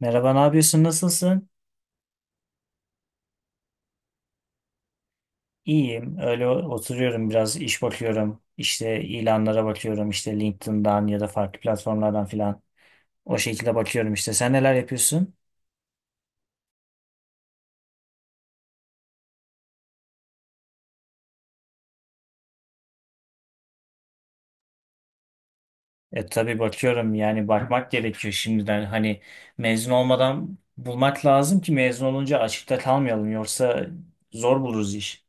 Merhaba, ne yapıyorsun? Nasılsın? İyiyim. Öyle oturuyorum biraz iş bakıyorum. İşte ilanlara bakıyorum. İşte LinkedIn'dan ya da farklı platformlardan filan. O şekilde bakıyorum işte. Sen neler yapıyorsun? E tabii bakıyorum yani bakmak gerekiyor şimdiden. Hani mezun olmadan bulmak lazım ki mezun olunca açıkta kalmayalım. Yoksa zor buluruz iş.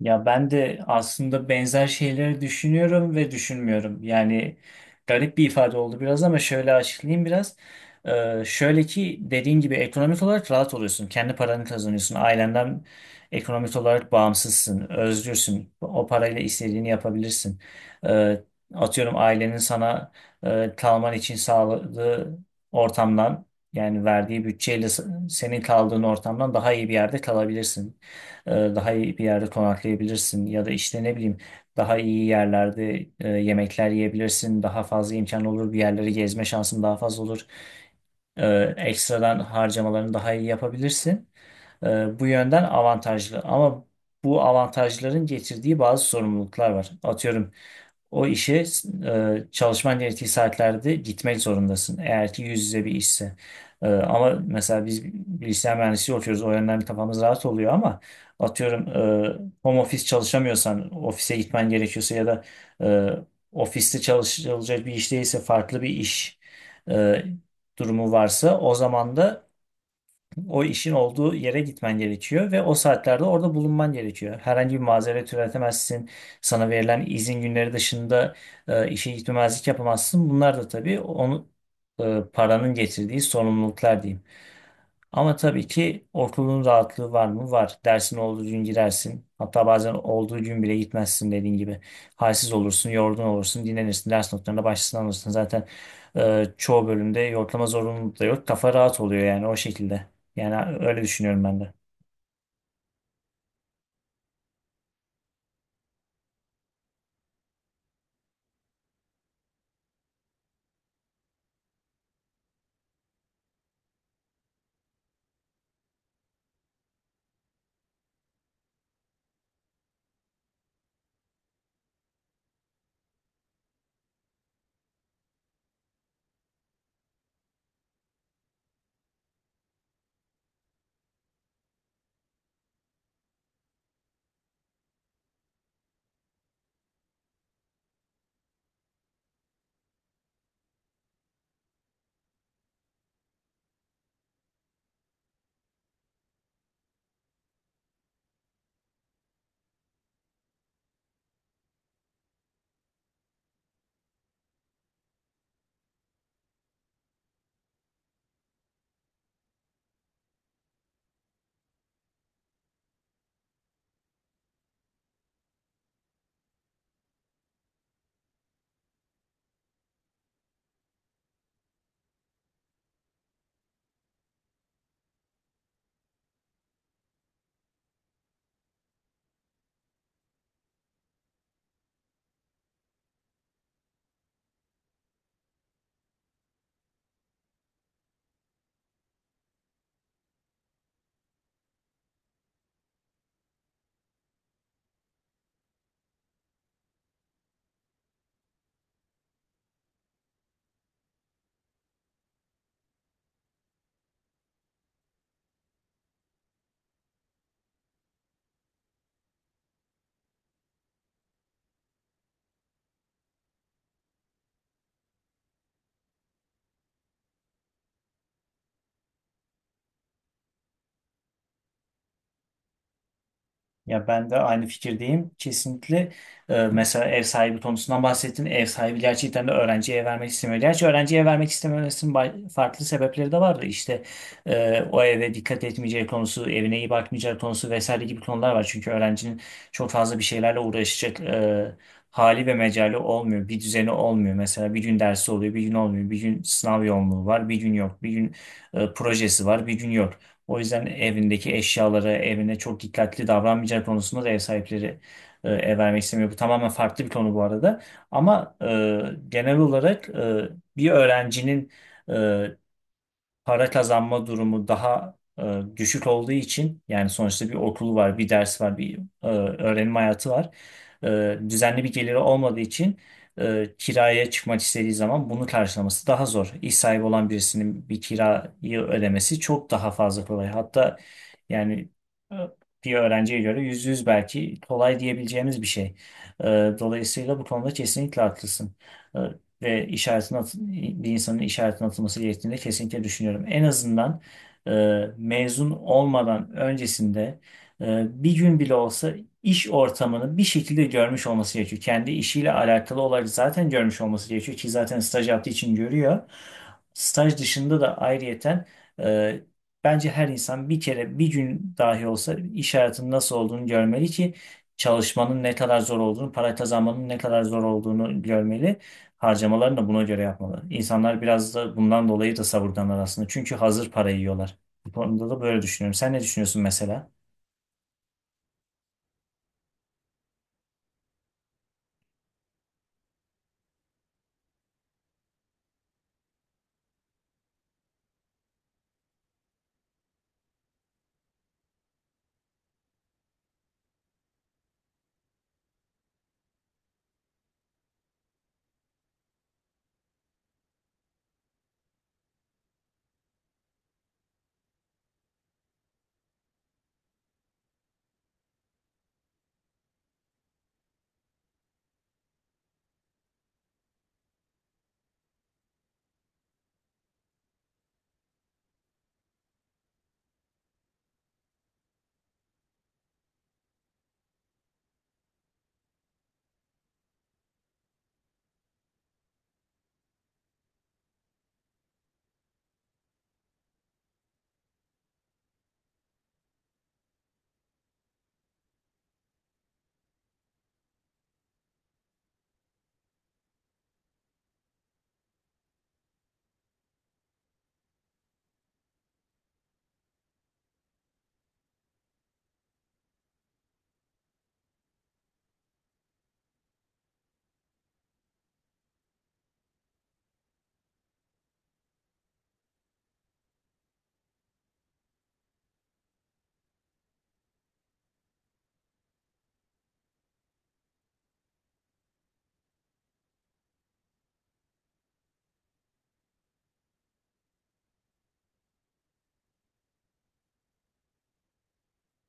Ya ben de aslında benzer şeyleri düşünüyorum ve düşünmüyorum. Yani garip bir ifade oldu biraz ama şöyle açıklayayım biraz. Şöyle ki dediğin gibi ekonomik olarak rahat oluyorsun. Kendi paranı kazanıyorsun. Ailenden ekonomik olarak bağımsızsın. Özgürsün. O parayla istediğini yapabilirsin. Ee, atıyorum ailenin sana kalman için sağladığı ortamdan yani verdiği bütçeyle senin kaldığın ortamdan daha iyi bir yerde kalabilirsin daha iyi bir yerde konaklayabilirsin ya da işte ne bileyim daha iyi yerlerde yemekler yiyebilirsin. Daha fazla imkan olur bir yerleri gezme şansın daha fazla olur. Ekstradan harcamalarını daha iyi yapabilirsin. Bu yönden avantajlı ama bu avantajların getirdiği bazı sorumluluklar var. Atıyorum o işe çalışman gerektiği saatlerde gitmek zorundasın. Eğer ki yüz yüze bir işse. Ama mesela biz bilgisayar mühendisliği okuyoruz. O yönden kafamız rahat oluyor ama atıyorum home office çalışamıyorsan ofise gitmen gerekiyorsa ya da e, ofiste çalışılacak bir iş değilse farklı bir iş e, durumu varsa o zaman da o işin olduğu yere gitmen gerekiyor ve o saatlerde orada bulunman gerekiyor. Herhangi bir mazeret üretemezsin. Sana verilen izin günleri dışında işe gitmemezlik yapamazsın. Bunlar da tabii onu paranın getirdiği sorumluluklar diyeyim. Ama tabii ki okulun rahatlığı var mı? Var. Dersin olduğu gün girersin. Hatta bazen olduğu gün bile gitmezsin dediğin gibi. Halsiz olursun, yorgun olursun, dinlenirsin. Ders notlarına başlasın alırsın. Zaten çoğu bölümde yoklama zorunluluğu da yok. Kafa rahat oluyor yani o şekilde. Yani öyle düşünüyorum ben de. Ya ben de aynı fikirdeyim. Kesinlikle mesela ev sahibi konusundan bahsettin. Ev sahibi gerçekten de öğrenciye vermek istemiyor. Gerçi öğrenciye vermek istememesinin farklı sebepleri de vardı. İşte o eve dikkat etmeyeceği konusu, evine iyi bakmayacağı konusu vesaire gibi konular var. Çünkü öğrencinin çok fazla bir şeylerle uğraşacak hali ve mecali olmuyor. Bir düzeni olmuyor. Mesela bir gün dersi oluyor, bir gün olmuyor. Bir gün sınav yoğunluğu var, bir gün yok. Bir gün projesi var, bir gün yok. O yüzden evindeki eşyalara, evine çok dikkatli davranmayacağı konusunda da ev sahipleri ev vermek istemiyor. Bu tamamen farklı bir konu bu arada. Ama genel olarak bir öğrencinin e, para kazanma durumu daha düşük olduğu için yani sonuçta bir okulu var, bir ders var, bir öğrenim hayatı var. Düzenli bir geliri olmadığı için kiraya çıkmak istediği zaman bunu karşılaması daha zor. İş sahibi olan birisinin bir kirayı ödemesi çok daha fazla kolay. Hatta yani e, bir öğrenciye göre %100 belki kolay diyebileceğimiz bir şey. E, dolayısıyla bu konuda kesinlikle haklısın. E, ve bir insanın işaretin atılması gerektiğini de kesinlikle düşünüyorum. En azından e, mezun olmadan öncesinde bir gün bile olsa iş ortamını bir şekilde görmüş olması gerekiyor. Kendi işiyle alakalı olarak zaten görmüş olması gerekiyor ki zaten staj yaptığı için görüyor. Staj dışında da ayrıyeten e, bence her insan bir kere bir gün dahi olsa iş hayatının nasıl olduğunu görmeli ki çalışmanın ne kadar zor olduğunu, para kazanmanın ne kadar zor olduğunu görmeli harcamalarını da buna göre yapmalı. İnsanlar biraz da bundan dolayı da savurganlar aslında. Çünkü hazır parayı yiyorlar. Bu konuda da böyle düşünüyorum. Sen ne düşünüyorsun mesela?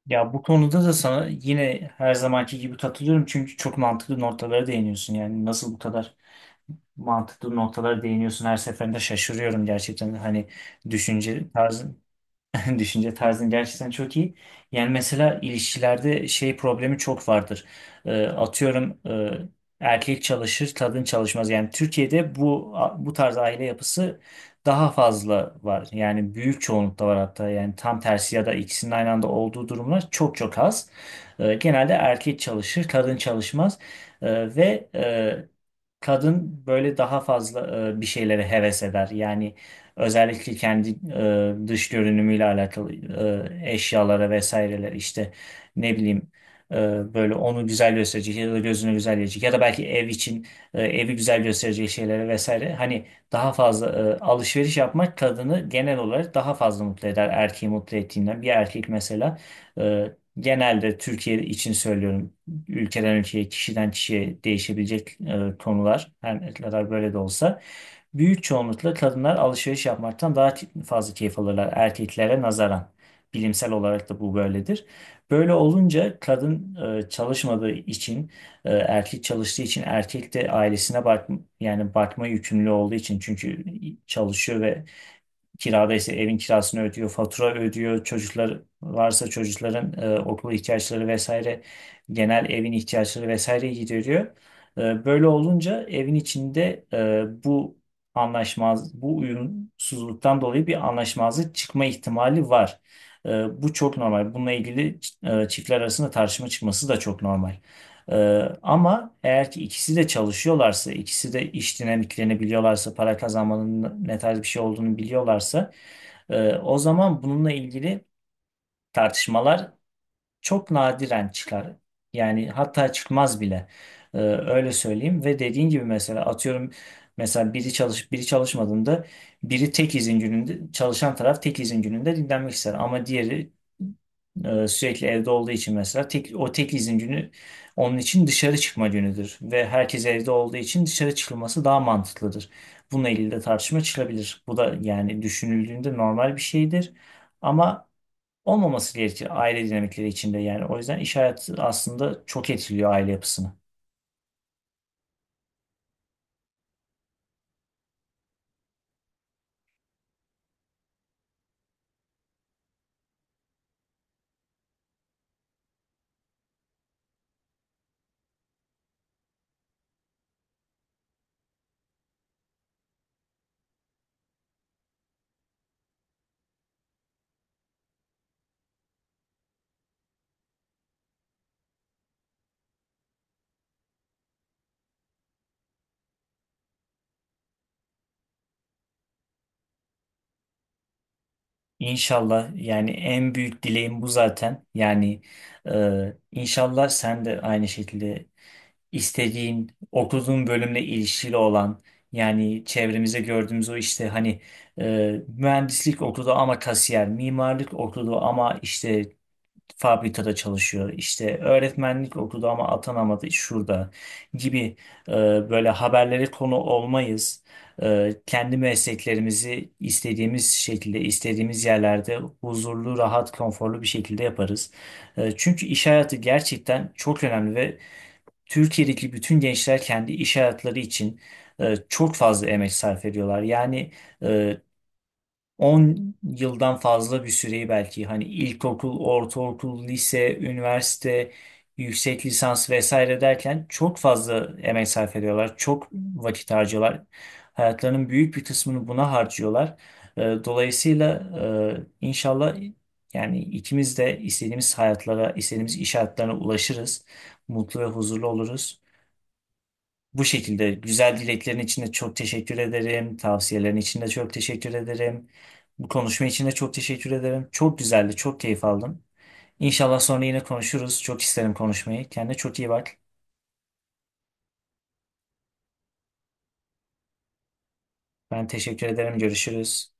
Ya bu konuda da sana yine her zamanki gibi katılıyorum. Çünkü çok mantıklı noktalara değiniyorsun. Yani nasıl bu kadar mantıklı noktalara değiniyorsun her seferinde şaşırıyorum gerçekten. Hani düşünce tarzın. Düşünce tarzın gerçekten çok iyi. Yani mesela ilişkilerde şey problemi çok vardır. Atıyorum erkek çalışır, kadın çalışmaz. Yani Türkiye'de bu tarz aile yapısı daha fazla var. Yani büyük çoğunlukta var hatta. Yani tam tersi ya da ikisinin aynı anda olduğu durumlar çok çok az. Genelde erkek çalışır, kadın çalışmaz. Ve kadın böyle daha fazla bir şeylere heves eder. Yani özellikle kendi dış görünümüyle alakalı eşyalara vesaireler işte ne bileyim e, böyle onu güzel gösterecek ya da gözünü güzel gösterecek ya da belki ev için evi güzel gösterecek şeylere vesaire hani daha fazla alışveriş yapmak kadını genel olarak daha fazla mutlu eder erkeği mutlu ettiğinden. Bir erkek mesela e, genelde Türkiye için söylüyorum ülkeden ülkeye kişiden kişiye değişebilecek konular her ne kadar böyle de olsa. Büyük çoğunlukla kadınlar alışveriş yapmaktan daha fazla keyif alırlar erkeklere nazaran. Bilimsel olarak da bu böyledir. Böyle olunca kadın çalışmadığı için, erkek çalıştığı için, erkek de ailesine yani bakma yükümlü olduğu için çünkü çalışıyor ve kirada ise evin kirasını ödüyor, fatura ödüyor. Çocuklar varsa çocukların okul ihtiyaçları vesaire, genel evin ihtiyaçları vesaire gideriyor. Böyle olunca evin içinde bu uyumsuzluktan dolayı bir anlaşmazlık çıkma ihtimali var. E, bu çok normal. Bununla ilgili çiftler arasında tartışma çıkması da çok normal. Ee, ama eğer ki ikisi de çalışıyorlarsa, ikisi de iş dinamiklerini biliyorlarsa, para kazanmanın ne tarz bir şey olduğunu biliyorlarsa, o zaman bununla ilgili tartışmalar çok nadiren çıkar. Yani hatta çıkmaz bile. Öyle söyleyeyim ve dediğin gibi mesela atıyorum mesela biri çalışmadığında biri tek izin gününde çalışan taraf tek izin gününde dinlenmek ister ama diğeri sürekli evde olduğu için mesela o tek izin günü onun için dışarı çıkma günüdür ve herkes evde olduğu için dışarı çıkılması daha mantıklıdır. Bununla ilgili de tartışma çıkabilir. Bu da yani düşünüldüğünde normal bir şeydir. Ama olmaması gerekir aile dinamikleri içinde yani. O yüzden iş hayatı aslında çok etkiliyor aile yapısını. İnşallah yani en büyük dileğim bu zaten. Yani inşallah sen de aynı şekilde istediğin, okuduğun bölümle ilişkili olan yani çevremize gördüğümüz o işte hani mühendislik okudu ama kasiyer, mimarlık okudu ama işte fabrikada çalışıyor. İşte öğretmenlik okudu ama atanamadı şurada gibi e, böyle haberlere konu olmayız. Kendi mesleklerimizi istediğimiz şekilde, istediğimiz yerlerde huzurlu, rahat, konforlu bir şekilde yaparız. Çünkü iş hayatı gerçekten çok önemli ve Türkiye'deki bütün gençler kendi iş hayatları için çok fazla emek sarf ediyorlar. Yani e, 10 yıldan fazla bir süreyi belki hani ilkokul, ortaokul, lise, üniversite, yüksek lisans vesaire derken çok fazla emek sarf ediyorlar. Çok vakit harcıyorlar. Hayatlarının büyük bir kısmını buna harcıyorlar. Dolayısıyla inşallah yani ikimiz de istediğimiz hayatlara, istediğimiz iş hayatlarına ulaşırız. Mutlu ve huzurlu oluruz. Bu şekilde güzel dileklerin için de çok teşekkür ederim. Tavsiyelerin için de çok teşekkür ederim. Bu konuşma için de çok teşekkür ederim. Çok güzeldi, çok keyif aldım. İnşallah sonra yine konuşuruz. Çok isterim konuşmayı. Kendine çok iyi bak. Ben teşekkür ederim. Görüşürüz.